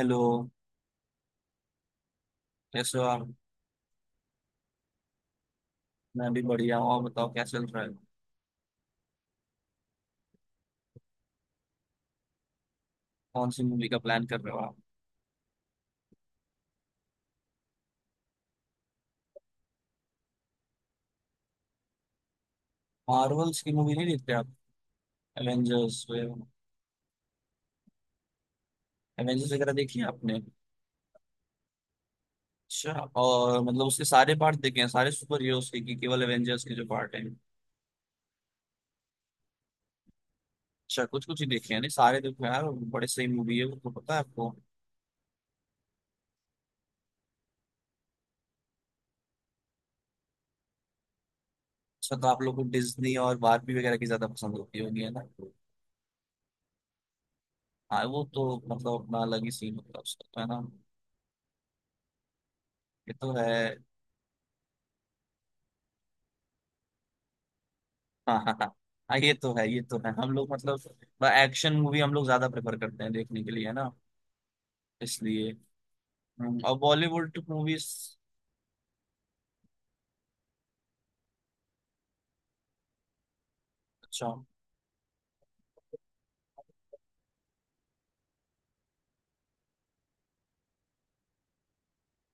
Hello. कैसे हो आप। मैं भी बढ़िया हूँ, आप बताओ क्या चल रहा है। कौन सी मूवी का प्लान कर रहे हो आप। मार्वल्स की मूवी नहीं देखते आप? एवेंजर्स। एवेंजर्स वगैरह देखी है आपने? अच्छा। और मतलब उसके सारे पार्ट देखे हैं सारे सुपर हीरोज के कि केवल एवेंजर्स के जो पार्ट हैं। अच्छा कुछ कुछ ही देखे हैं? नहीं सारे देखो यार, बड़े सही मूवी है वो, तो पता है आपको। अच्छा तो आप लोग को डिज्नी और बारबी वगैरह की ज्यादा पसंद होती होगी, है ना। हाँ वो तो मतलब अपना अलग ही सीन होता है उसका, तो है ना। ये तो है। हाँ हाँ हाँ। हाँ, ये तो है ये तो है, हम लोग मतलब एक्शन मूवी हम लोग ज्यादा प्रेफर करते हैं देखने के लिए, है ना। इसलिए। और बॉलीवुड मूवीज। अच्छा।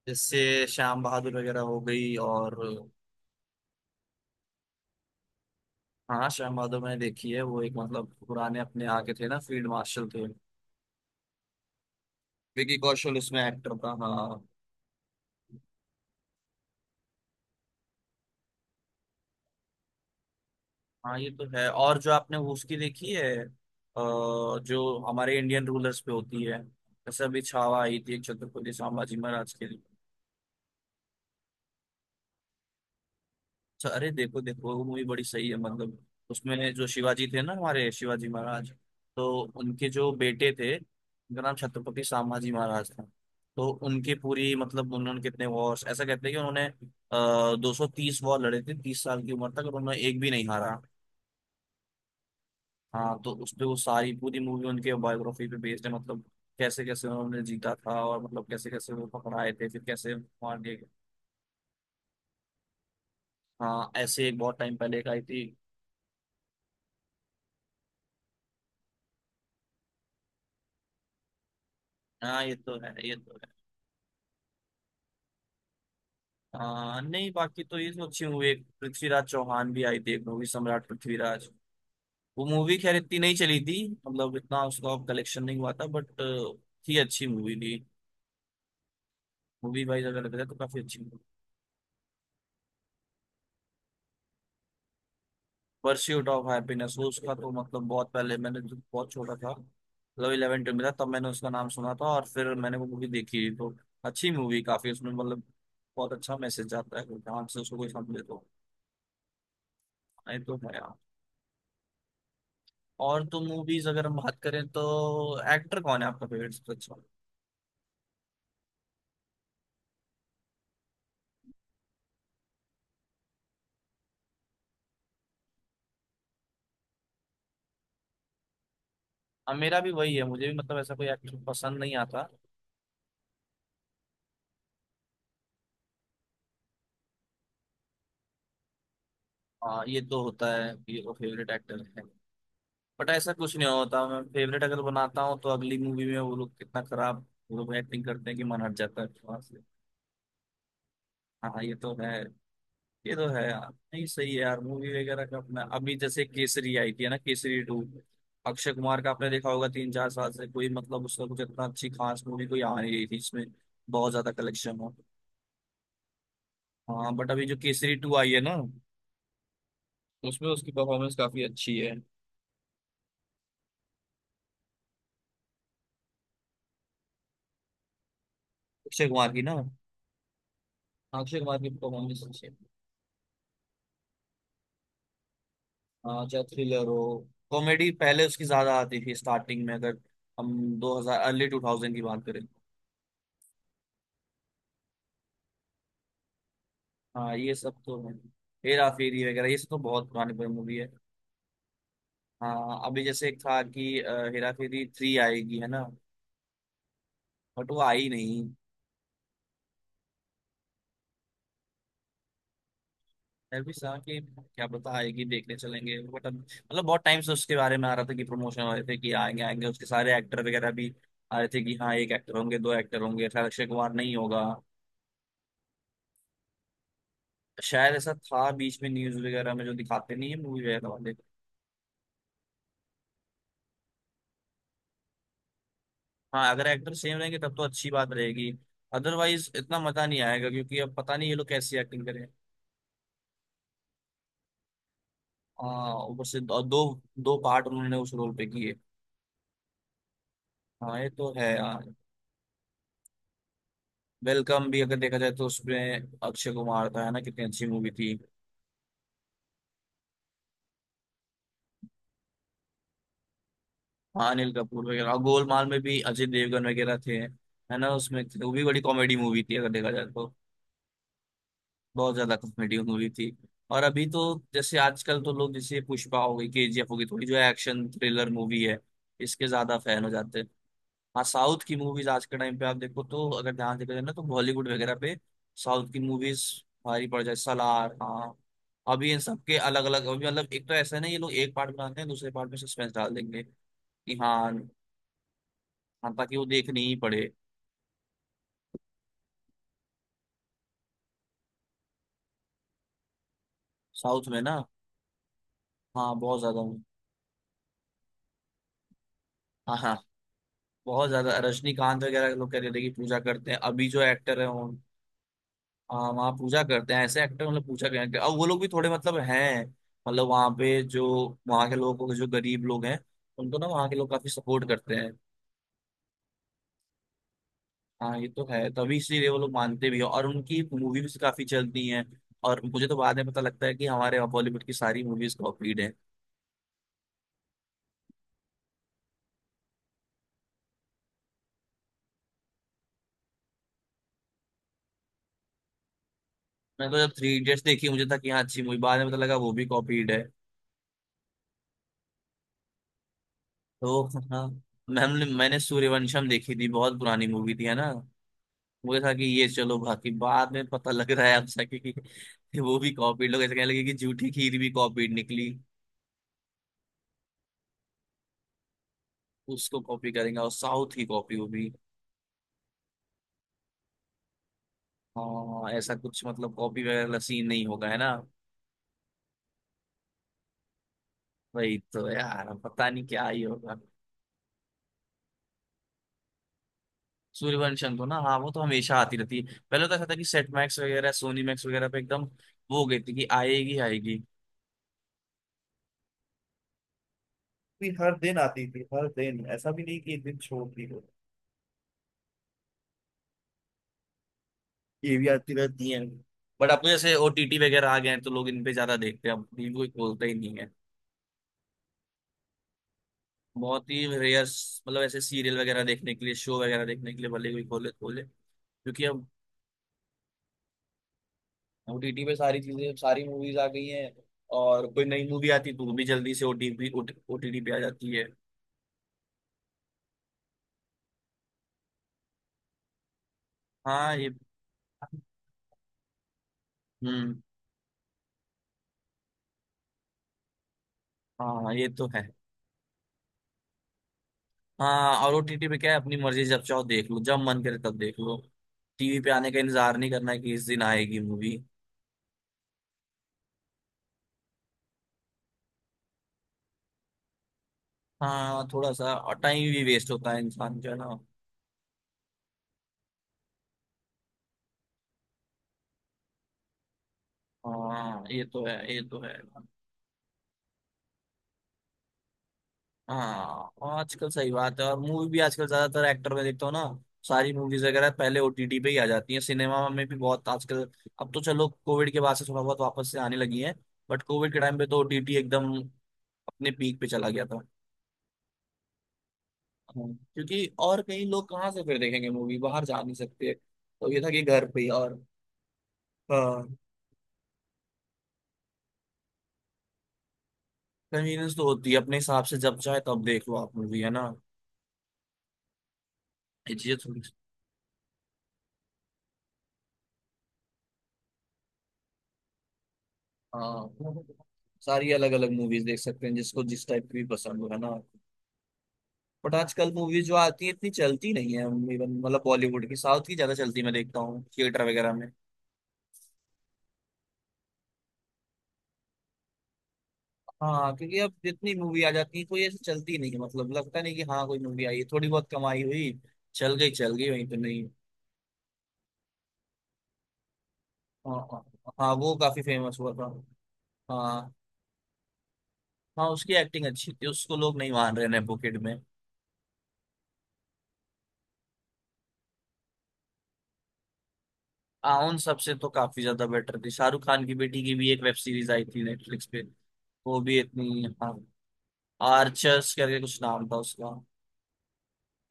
जैसे श्याम बहादुर वगैरह हो गई, और हाँ श्याम बहादुर मैंने देखी है, वो एक मतलब पुराने अपने आके थे ना, फील्ड मार्शल थे। विकी कौशल उसमें एक्टर था, हाँ। हाँ ये तो है। और जो आपने वो उसकी देखी है जो हमारे इंडियन रूलर्स पे होती है, जैसे अभी छावा आई थी एक, छत्रपति संभाजी महाराज के लिए। अच्छा अरे देखो देखो वो मूवी बड़ी सही है मतलब, उसमें जो शिवाजी थे ना, हमारे शिवाजी महाराज, तो उनके जो बेटे थे उनका नाम छत्रपति संभाजी महाराज था। तो उनकी पूरी मतलब उन्होंने कितने वॉर्स, ऐसा कहते हैं कि उन्होंने 230 वॉर लड़े थे 30 साल की उम्र तक, और उन्होंने एक भी नहीं हारा। हाँ तो उस पे वो सारी पूरी मूवी उनके बायोग्राफी पे बेस्ड है मतलब, कैसे कैसे उन्होंने जीता था, और मतलब कैसे कैसे वो पकड़ाए थे फिर कैसे मार दिए गए। हाँ ऐसे एक बहुत टाइम पहले एक आई थी। हाँ ये तो है ये तो है। हाँ नहीं बाकी तो ये सोची हुई, एक पृथ्वीराज चौहान भी आई थी एक मूवी, सम्राट पृथ्वीराज। वो मूवी खैर इतनी नहीं चली थी, मतलब इतना उसका कलेक्शन नहीं हुआ था बट थी, अच्छी मूवी थी। मूवी वाइज अगर देखा जाए तो काफी अच्छी। परस्यूट ऑफ हैप्पीनेस, वो उसका तो मतलब बहुत पहले मैंने जब बहुत छोटा था, मतलब इलेवन ट्वेल्व में था तब मैंने उसका नाम सुना था, और फिर मैंने वो मूवी देखी तो अच्छी मूवी, काफी उसमें मतलब बहुत अच्छा मैसेज आता है, ध्यान से उसको कोई समझे तो। नहीं तो है। और तो मूवीज अगर हम बात करें तो, एक्टर कौन है आपका फेवरेट सबसे अच्छा? हाँ, मेरा भी वही है, मुझे भी मतलब ऐसा कोई एक्टर पसंद नहीं आता। हाँ ये तो होता है कि वो फेवरेट एक्टर है, बट ऐसा कुछ नहीं होता। मैं फेवरेट अगर बनाता हूँ तो अगली मूवी में वो लोग कितना खराब, वो लोग एक्टिंग करते हैं कि मन हट जाता है वहां से। हाँ ये तो है यार। नहीं सही है यार, मूवी वगैरह का अपना अभी जैसे केसरी आई थी है ना, केसरी टू। अक्षय कुमार का आपने देखा होगा, तीन चार साल से कोई मतलब उसका कुछ इतना अच्छी खास मूवी कोई आ नहीं रही थी, इसमें बहुत ज्यादा कलेक्शन हो। हाँ बट अभी जो केसरी टू आई है ना, उसमें उसकी परफॉर्मेंस काफी अच्छी है। अक्षय कुमार की ना हाँ, अक्षय कुमार की परफॉर्मेंस अच्छी है। हाँ, चाहे थ्रिलर हो। कॉमेडी पहले उसकी ज्यादा आती थी स्टार्टिंग में, अगर हम दो हजार अर्ली टू थाउजेंड की बात करें। हाँ ये सब तो है। हेरा फेरी वगैरह ये सब तो बहुत पुरानी पुरानी मूवी है। हाँ अभी जैसे एक था कि हेरा फेरी थ्री आएगी, है ना। बट वो आई नहीं। मैं भी सोचा कि क्या पता आएगी देखने चलेंगे, बट अब मतलब बहुत टाइम से उसके बारे में आ रहा था कि प्रमोशन हो रहे थे कि आएंगे आएंगे उसके सारे एक्टर वगैरह भी आ रहे थे, कि हाँ एक एक्टर होंगे दो एक्टर होंगे, शायद अक्षय कुमार नहीं होगा। शायद ऐसा था बीच में, न्यूज वगैरह में जो दिखाते नहीं है मूवी वगैरह वाले। हाँ अगर एक्टर सेम रहेंगे तब तो अच्छी बात रहेगी, अदरवाइज इतना मजा नहीं आएगा क्योंकि अब पता नहीं ये लोग कैसी एक्टिंग करें। हाँ ऊपर से दो दो, दो पार्ट उन्होंने उस रोल पे किए। हाँ ये तो है यार। वेलकम भी अगर देखा जाए तो उसमें अक्षय कुमार था, है ना, कितनी अच्छी मूवी थी। हाँ अनिल कपूर वगैरह, और गोलमाल में भी अजय देवगन वगैरह थे, है ना उसमें, वो भी बड़ी कॉमेडी मूवी थी अगर देखा जाए तो। बहुत ज्यादा कॉमेडी मूवी थी। और अभी तो जैसे आजकल तो लोग जैसे पुष्पा हो गई, केजीएफ हो गई, थोड़ी जो एक्शन थ्रिलर मूवी है इसके ज्यादा फैन हो जाते हैं। हाँ साउथ की मूवीज आज के टाइम पे आप देखो तो, अगर ध्यान देखा जाए ना तो बॉलीवुड वगैरह पे साउथ की मूवीज भारी पड़ जाए। सलार हाँ। अभी इन सब के अलग अलग, अभी मतलब एक तो ऐसा है ना, ये लोग एक पार्ट बनाते हैं दूसरे पार्ट में सस्पेंस डाल देंगे कि हाँ। हाँ ताकि वो देखनी ही पड़े। साउथ में ना हाँ बहुत ज्यादा। हाँ हाँ बहुत ज्यादा, रजनीकांत वगैरह, लोग कह रहे थे कि पूजा करते हैं अभी जो एक्टर है। वहाँ पूजा करते हैं ऐसे एक्टर, मतलब पूजा करेंगे, अब वो लोग भी थोड़े मतलब हैं। मतलब वहाँ पे जो, वहाँ के लोगों को, जो गरीब लोग हैं उनको ना वहाँ के लोग काफी सपोर्ट करते हैं। हाँ ये तो है, तभी इसीलिए वो लोग मानते भी हैं, और उनकी मूवी भी काफी चलती हैं। और मुझे तो बाद में पता लगता है कि हमारे बॉलीवुड की सारी मूवीज कॉपीड है। मैं तो जब थ्री इडियट्स देखी मुझे था कि हाँ अच्छी मूवी, बाद में पता लगा वो भी कॉपीड है। तो हाँ मैंने मैंने सूर्यवंशम देखी थी, बहुत पुरानी मूवी थी, है ना। मुझे था कि ये चलो बाकी, बाद में पता लग रहा है अब सके कि वो भी कॉपीड, लोग ऐसे कहने लगे कि झूठी खीर भी कॉपीड निकली। उसको कॉपी करेंगे, और साउथ की कॉपी वो भी। हाँ ऐसा कुछ मतलब कॉपी वगैरह वाला सीन नहीं होगा, है ना। वही तो यार, अब पता नहीं क्या ही होगा। सूर्यवंशम तो ना हाँ वो तो हमेशा आती रहती है, पहले तो ऐसा था कि सेट मैक्स वगैरह सोनी मैक्स वगैरह पे एकदम वो हो गई थी कि आएगी आएगी। भी हर दिन आती थी हर दिन, ऐसा भी नहीं कि एक दिन छोड़ दी हो। ये भी आती रहती है, बट अब जैसे ओटीटी वगैरह आ गए हैं तो लोग इन पे ज्यादा देखते हैं, अब भी कोई खोलता ही नहीं है। बहुत ही रेयर, मतलब ऐसे सीरियल वगैरह देखने के लिए शो वगैरह देखने के लिए भले कोई खोले खोले, क्योंकि अब ओटीटी पे सारी चीजें सारी मूवीज आ गई हैं। और कोई नई मूवी आती तो वो भी जल्दी से ओटीपी ओटीटी पे आ जाती है। हाँ ये। हम्म। हाँ ये तो है। हाँ और ओटीटी पे क्या है, अपनी मर्जी जब चाहो देख लो, जब मन करे तब देख लो। टीवी पे आने का इंतजार नहीं करना है कि इस दिन आएगी मूवी। हाँ थोड़ा सा और टाइम भी वेस्ट होता है इंसान का ना। हाँ ये तो है ये तो है। हाँ और आजकल सही बात है, और मूवी भी आजकल ज्यादातर एक्टर में देखता हूँ ना, सारी मूवीज वगैरह पहले ओटीटी पे ही आ जाती हैं, सिनेमा में भी बहुत आजकल। अब तो चलो कोविड के बाद से थोड़ा बहुत वापस से आने लगी है, बट कोविड के टाइम पे तो ओटीटी एकदम अपने पीक पे चला गया था। हाँ, क्योंकि और कहीं लोग कहाँ से फिर देखेंगे मूवी, बाहर जा नहीं सकते तो ये था कि घर पे ही। और कन्वीनियंस तो होती है अपने हिसाब से, जब चाहे तब देख लो आप मूवी, है ना। ये चीजें थोड़ी। हाँ सारी अलग अलग मूवीज देख सकते हैं, जिसको जिस टाइप की भी पसंद हो, है ना। बट आजकल मूवीज जो आती है इतनी चलती नहीं है, इवन मतलब बॉलीवुड की, साउथ की ज्यादा चलती मैं देखता हूँ थिएटर वगैरह में। हाँ क्योंकि अब जितनी मूवी आ जाती है कोई ऐसी चलती नहीं है, मतलब लगता नहीं कि हाँ कोई मूवी आई है थोड़ी बहुत कमाई हुई। चल गई वहीं पे नहीं। हाँ हाँ। हाँ, वो काफी फेमस हुआ था। हाँ। हाँ उसकी एक्टिंग अच्छी थी, उसको लोग नहीं मान रहे नेपोकिड में। हाँ उन सबसे तो काफी ज्यादा बेटर थी, शाहरुख खान की बेटी की भी एक वेब सीरीज आई थी नेटफ्लिक्स पे। वो भी इतनी हाँ, आर्चर्स करके कुछ नाम था उसका।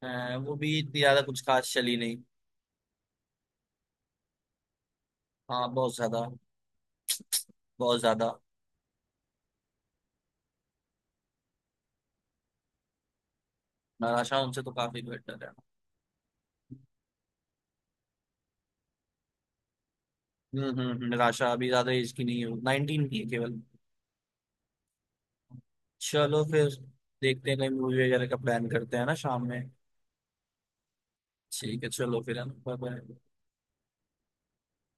वो भी इतनी ज्यादा कुछ खास चली नहीं। हाँ बहुत ज्यादा। बहुत ज्यादा। निराशा उनसे तो काफी बेटर है। निराशा अभी ज्यादा एज की नहीं है, 19 की है केवल। चलो फिर देखते हैं कहीं मूवी वगैरह का प्लान करते हैं ना शाम में। ठीक है चलो फिर है ना, बाय बाय।